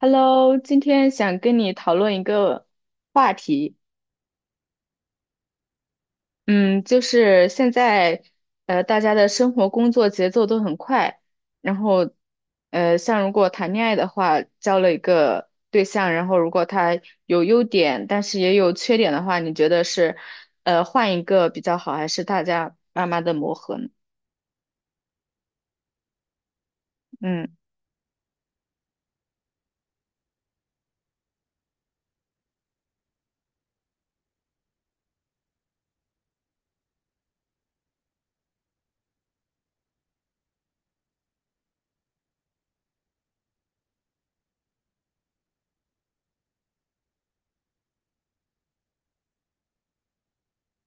Hello，今天想跟你讨论一个话题，嗯，就是现在，大家的生活工作节奏都很快，然后，像如果谈恋爱的话，交了一个对象，然后如果他有优点，但是也有缺点的话，你觉得是，换一个比较好，还是大家慢慢的磨合呢？嗯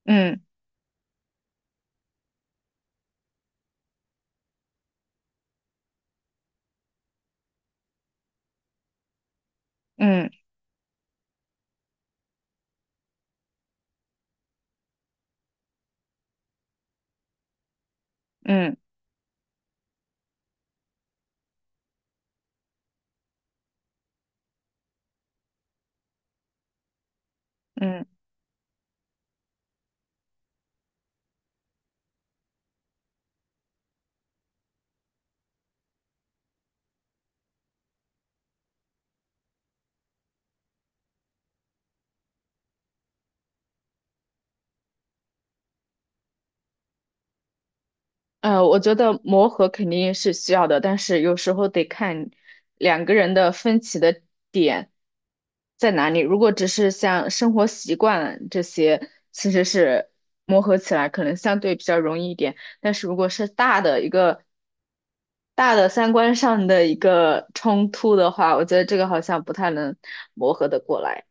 嗯嗯嗯嗯。嗯。我觉得磨合肯定是需要的，但是有时候得看两个人的分歧的点在哪里。如果只是像生活习惯这些，其实是磨合起来可能相对比较容易一点。但是如果是大的三观上的一个冲突的话，我觉得这个好像不太能磨合的过来。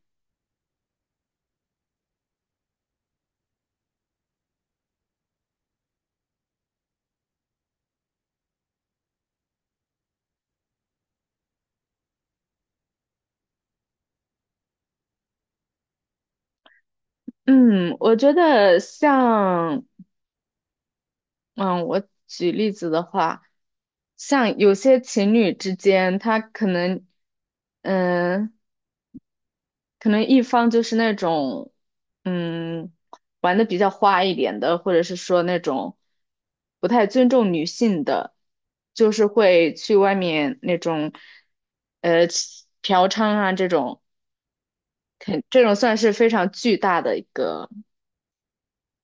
嗯，我觉得像。嗯，我举例子的话，像有些情侣之间，他可能，嗯，可能一方就是那种，嗯，玩的比较花一点的，或者是说那种不太尊重女性的，就是会去外面那种，呃，嫖娼啊这种，这种算是非常巨大的一个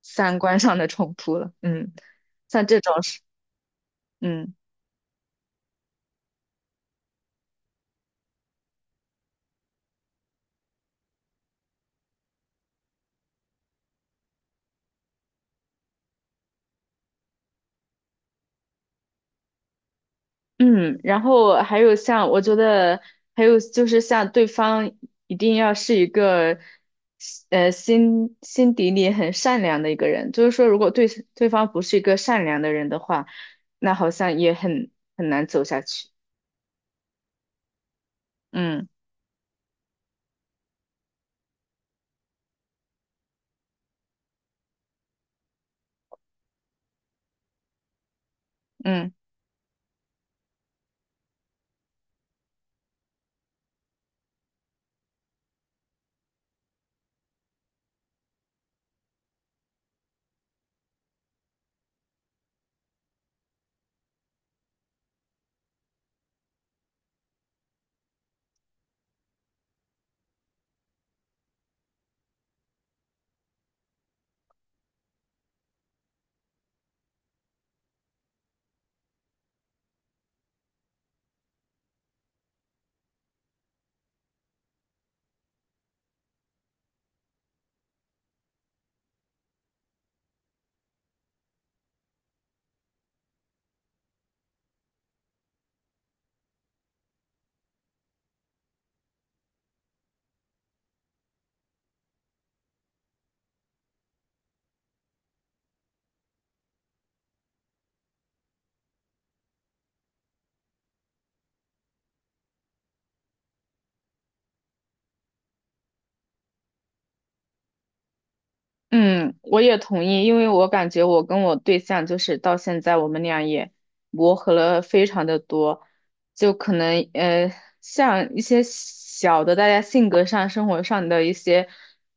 三观上的冲突了。嗯，像这种是。嗯。嗯，然后还有像，我觉得还有就是像对方一定要是一个，心底里很善良的一个人。就是说，如果对方不是一个善良的人的话，那好像也很难走下去。嗯嗯。嗯，我也同意，因为我感觉我跟我对象就是到现在我们俩也磨合了非常的多，就可能像一些小的大家性格上、生活上的一些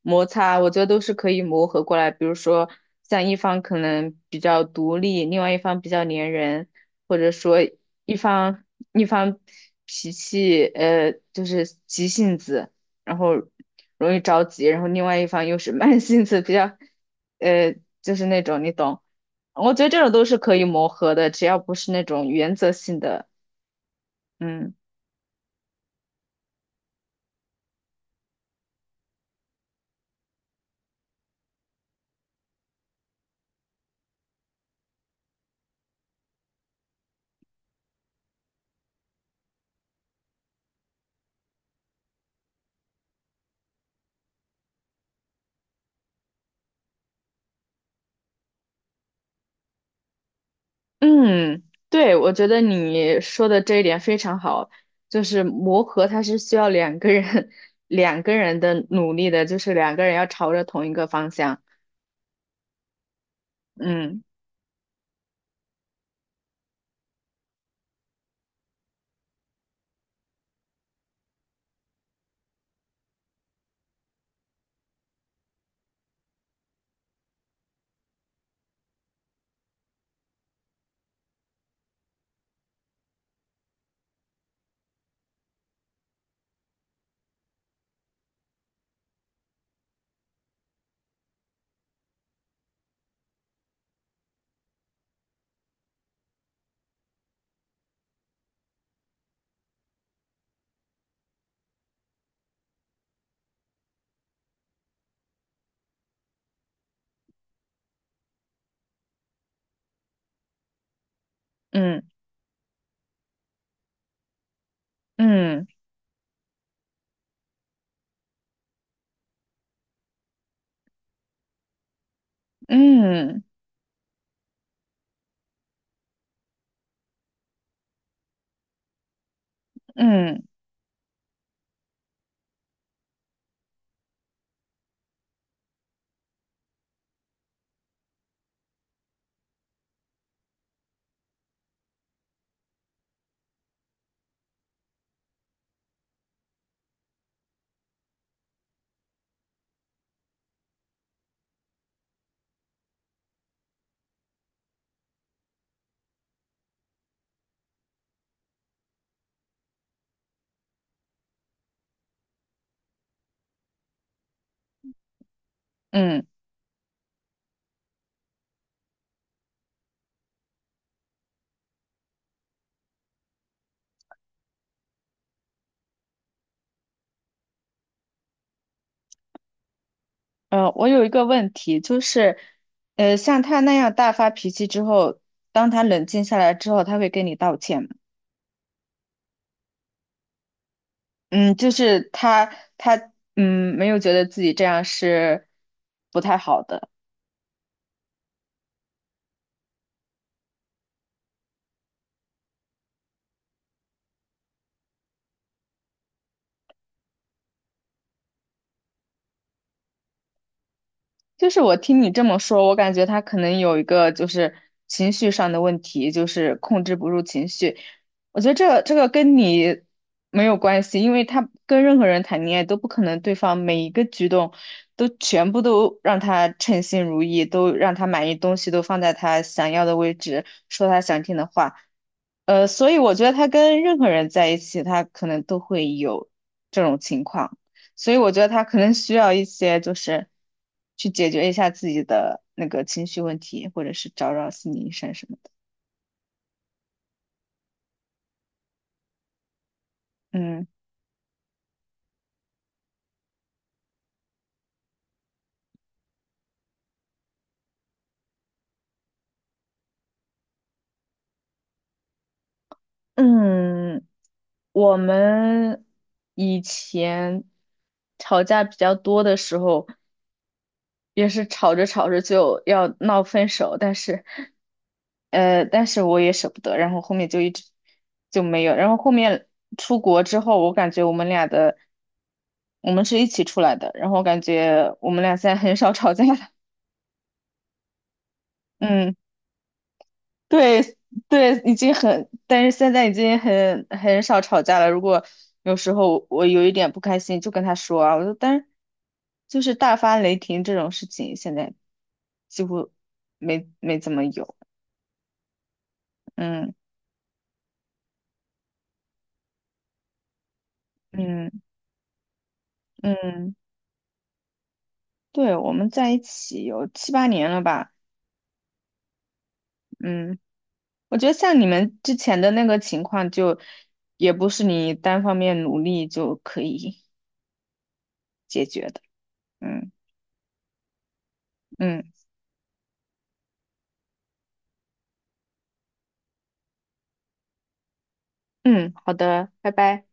摩擦，我觉得都是可以磨合过来。比如说像一方可能比较独立，另外一方比较粘人，或者说一方一方脾气就是急性子。然后容易着急，然后另外一方又是慢性子，比较，呃，就是那种你懂。我觉得这种都是可以磨合的，只要不是那种原则性的。嗯嗯，对，我觉得你说的这一点非常好，就是磨合它是需要两个人 两个人的努力的，就是两个人要朝着同一个方向。嗯嗯嗯嗯嗯嗯。我有一个问题，就是，像他那样大发脾气之后，当他冷静下来之后，他会跟你道歉吗？嗯，就是他没有觉得自己这样是不太好的。就是我听你这么说，我感觉他可能有一个就是情绪上的问题，就是控制不住情绪。我觉得这个跟你没有关系，因为他跟任何人谈恋爱都不可能对方每一个举动都全部都让他称心如意，都让他满意，东西都放在他想要的位置，说他想听的话。所以我觉得他跟任何人在一起，他可能都会有这种情况。所以我觉得他可能需要一些，就是去解决一下自己的那个情绪问题，或者是找找心理医生什么的。嗯嗯，我们以前吵架比较多的时候，也是吵着吵着就要闹分手，但是我也舍不得，然后后面就一直就没有，然后后面出国之后，我感觉我们俩的，我们是一起出来的，然后我感觉我们俩现在很少吵架了。嗯。对对，已经很，但是现在已经很少吵架了。如果有时候我有一点不开心，就跟他说啊，我说，但是就是大发雷霆这种事情，现在几乎没怎么有。嗯嗯嗯，对，我们在一起有七八年了吧？嗯，我觉得像你们之前的那个情况就，也不是你单方面努力就可以解决的。嗯嗯嗯，好的，拜拜。